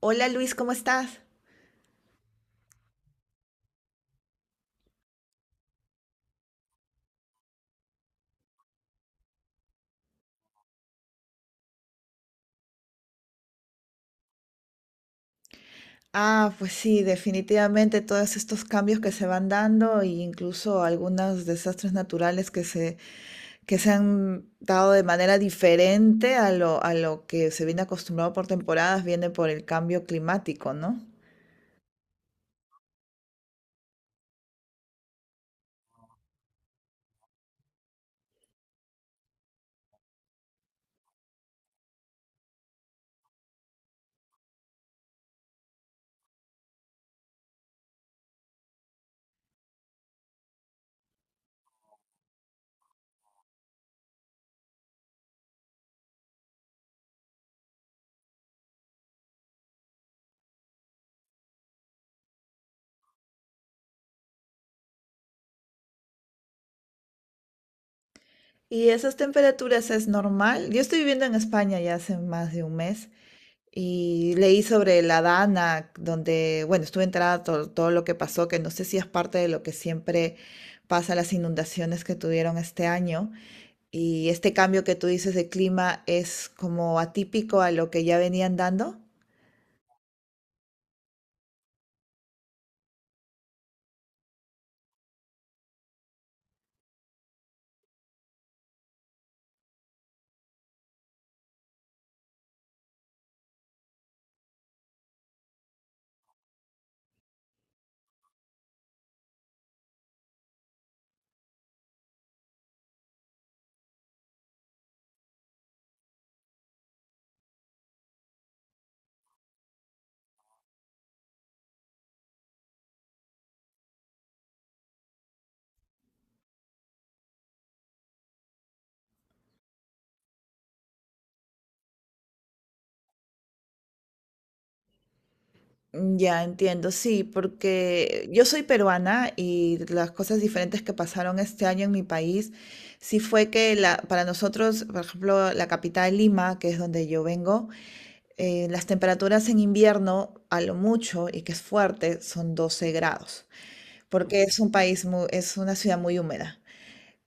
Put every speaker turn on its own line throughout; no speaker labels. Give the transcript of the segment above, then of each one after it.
Hola Luis, ¿cómo estás? Ah, pues sí, definitivamente todos estos cambios que se van dando e incluso algunos desastres naturales que se han dado de manera diferente a a lo que se viene acostumbrado por temporadas, viene por el cambio climático, ¿no? Y esas temperaturas es normal. Yo estoy viviendo en España ya hace más de un mes y leí sobre la Dana, donde, bueno, estuve enterada todo lo que pasó, que no sé si es parte de lo que siempre pasa, las inundaciones que tuvieron este año. Y este cambio que tú dices de clima es como atípico a lo que ya venían dando. Ya entiendo, sí, porque yo soy peruana y las cosas diferentes que pasaron este año en mi país, sí fue que la, para nosotros, por ejemplo, la capital Lima, que es donde yo vengo, las temperaturas en invierno, a lo mucho, y que es fuerte, son 12 grados, porque es un país muy, es una ciudad muy húmeda.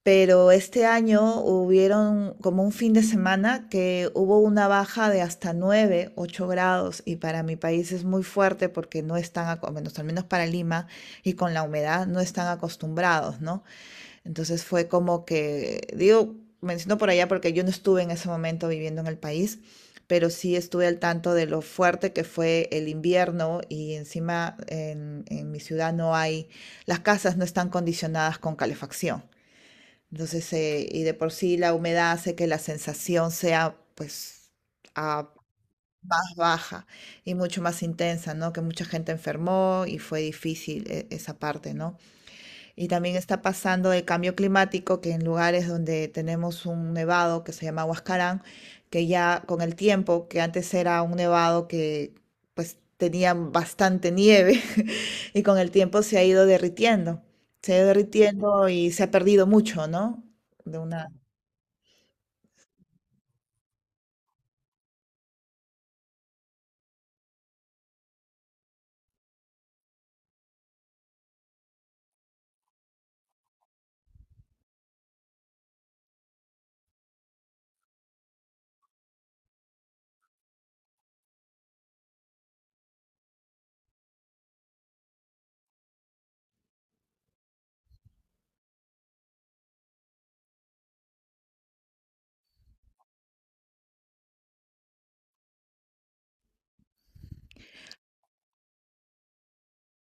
Pero este año hubieron como un fin de semana que hubo una baja de hasta 9 8 grados, y para mi país es muy fuerte porque no están, bueno, al menos para Lima, y con la humedad no están acostumbrados, ¿no? Entonces fue como que, digo, menciono por allá porque yo no estuve en ese momento viviendo en el país, pero sí estuve al tanto de lo fuerte que fue el invierno y encima en mi ciudad no hay, las casas no están condicionadas con calefacción. Entonces, y de por sí la humedad hace que la sensación sea pues a- más baja y mucho más intensa, ¿no? Que mucha gente enfermó y fue difícil esa parte, ¿no? Y también está pasando el cambio climático, que en lugares donde tenemos un nevado que se llama Huascarán, que ya con el tiempo, que antes era un nevado que pues tenía bastante nieve, y con el tiempo se ha ido derritiendo, se ha ido derritiendo y se ha perdido mucho, ¿no? De una...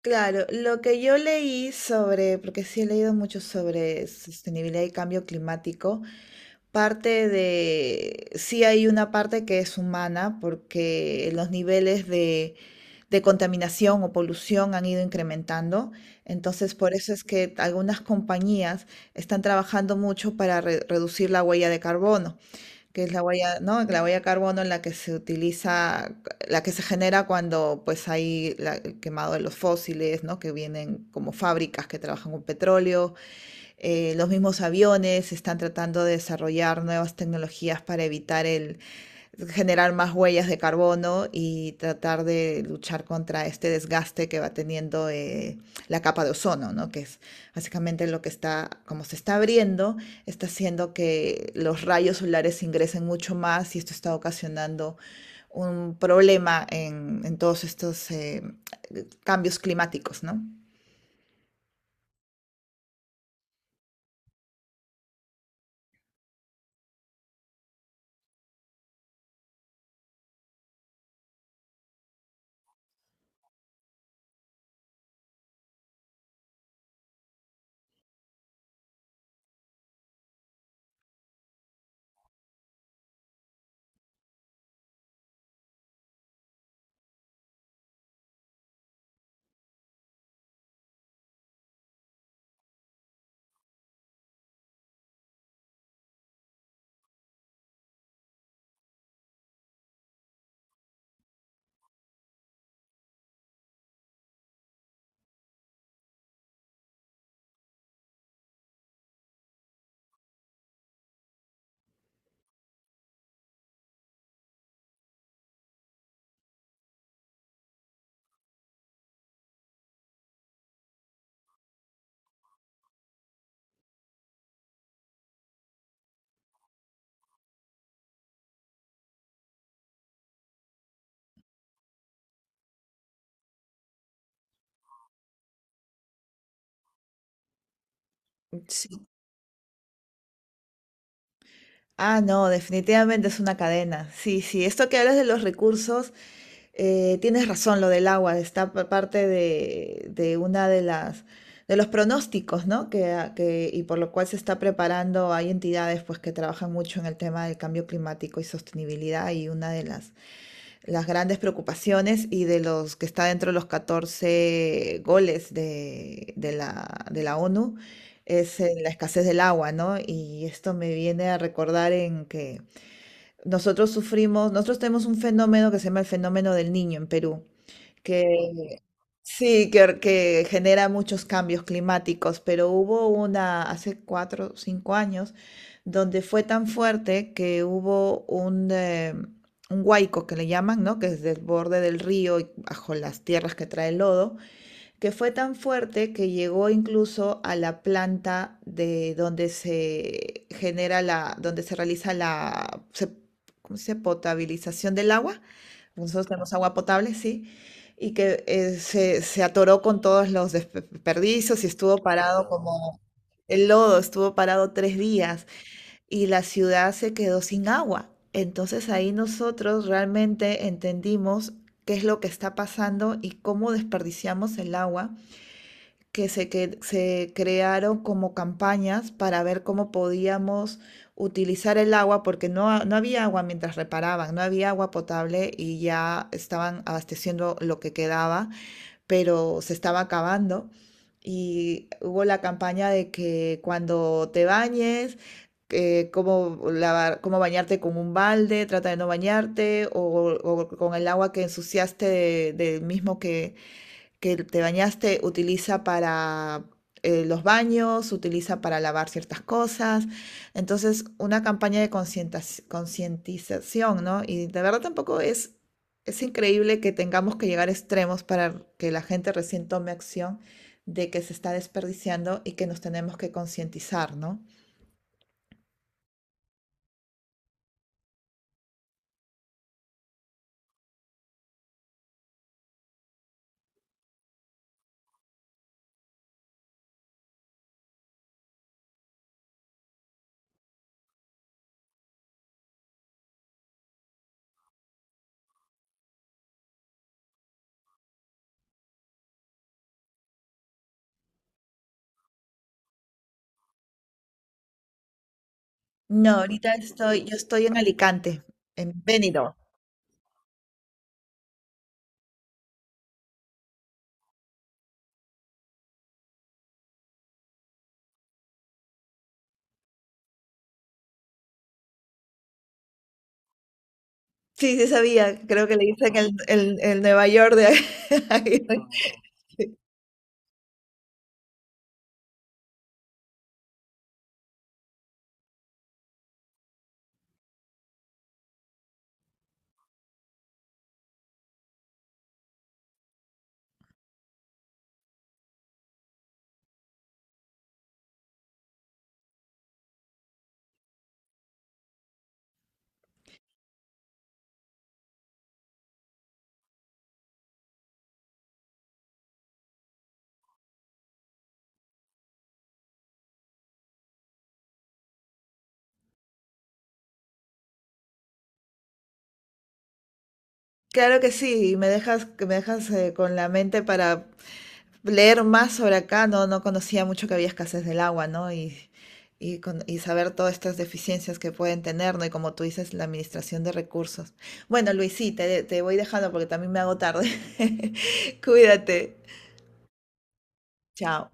Claro, lo que yo leí sobre, porque sí he leído mucho sobre sostenibilidad y cambio climático, parte de, sí hay una parte que es humana porque los niveles de contaminación o polución han ido incrementando. Entonces, por eso es que algunas compañías están trabajando mucho para reducir la huella de carbono, que es la huella, ¿no? La huella de carbono en la que se utiliza, la que se genera cuando pues hay el quemado de los fósiles, ¿no? Que vienen como fábricas que trabajan con petróleo, los mismos aviones están tratando de desarrollar nuevas tecnologías para evitar el generar más huellas de carbono y tratar de luchar contra este desgaste que va teniendo la capa de ozono, ¿no? Que es básicamente lo que está, como se está abriendo, está haciendo que los rayos solares ingresen mucho más y esto está ocasionando un problema en todos estos cambios climáticos, ¿no? Sí, ah, no, definitivamente es una cadena. Sí, sí, esto que hablas de los recursos, tienes razón, lo del agua, está parte de una de las de los pronósticos, ¿no? Que y por lo cual se está preparando, hay entidades pues que trabajan mucho en el tema del cambio climático y sostenibilidad y una de las grandes preocupaciones y de los que está dentro de los 14 goles de de la ONU es la escasez del agua, ¿no? Y esto me viene a recordar en que nosotros sufrimos, nosotros tenemos un fenómeno que se llama el fenómeno del niño en Perú que sí, que genera muchos cambios climáticos, pero hubo una hace cuatro o cinco años donde fue tan fuerte que hubo un huaico que le llaman, ¿no? Que es del borde del río y bajo las tierras que trae el lodo, que fue tan fuerte que llegó incluso a la planta de donde se genera la, donde se realiza la. ¿Cómo se dice? Potabilización del agua, nosotros tenemos agua potable, sí, y que se atoró con todos los desperdicios y estuvo parado como el lodo, estuvo parado tres días y la ciudad se quedó sin agua. Entonces ahí nosotros realmente entendimos qué es lo que está pasando y cómo desperdiciamos el agua que se crearon como campañas para ver cómo podíamos utilizar el agua, porque no, no había agua mientras reparaban, no había agua potable y ya estaban abasteciendo lo que quedaba, pero se estaba acabando. Y hubo la campaña de que cuando te bañes, cómo lavar, cómo bañarte con un balde, trata de no bañarte, o con el agua que ensuciaste del mismo que te bañaste utiliza para los baños, utiliza para lavar ciertas cosas. Entonces, una campaña de concientización, ¿no? Y de verdad tampoco es, es increíble que tengamos que llegar a extremos para que la gente recién tome acción de que se está desperdiciando y que nos tenemos que concientizar, ¿no? No, ahorita estoy, yo estoy en Alicante, en Benidorm. Sí, sí sabía, creo que le dicen el Nueva York de... ahí. Claro que sí, me dejas, que me dejas con la mente para leer más sobre acá, no, no conocía mucho que había escasez del agua, ¿no? Y, y saber todas estas deficiencias que pueden tener, ¿no? Y como tú dices, la administración de recursos. Bueno, Luis, sí, te voy dejando porque también me hago tarde. Cuídate. Chao.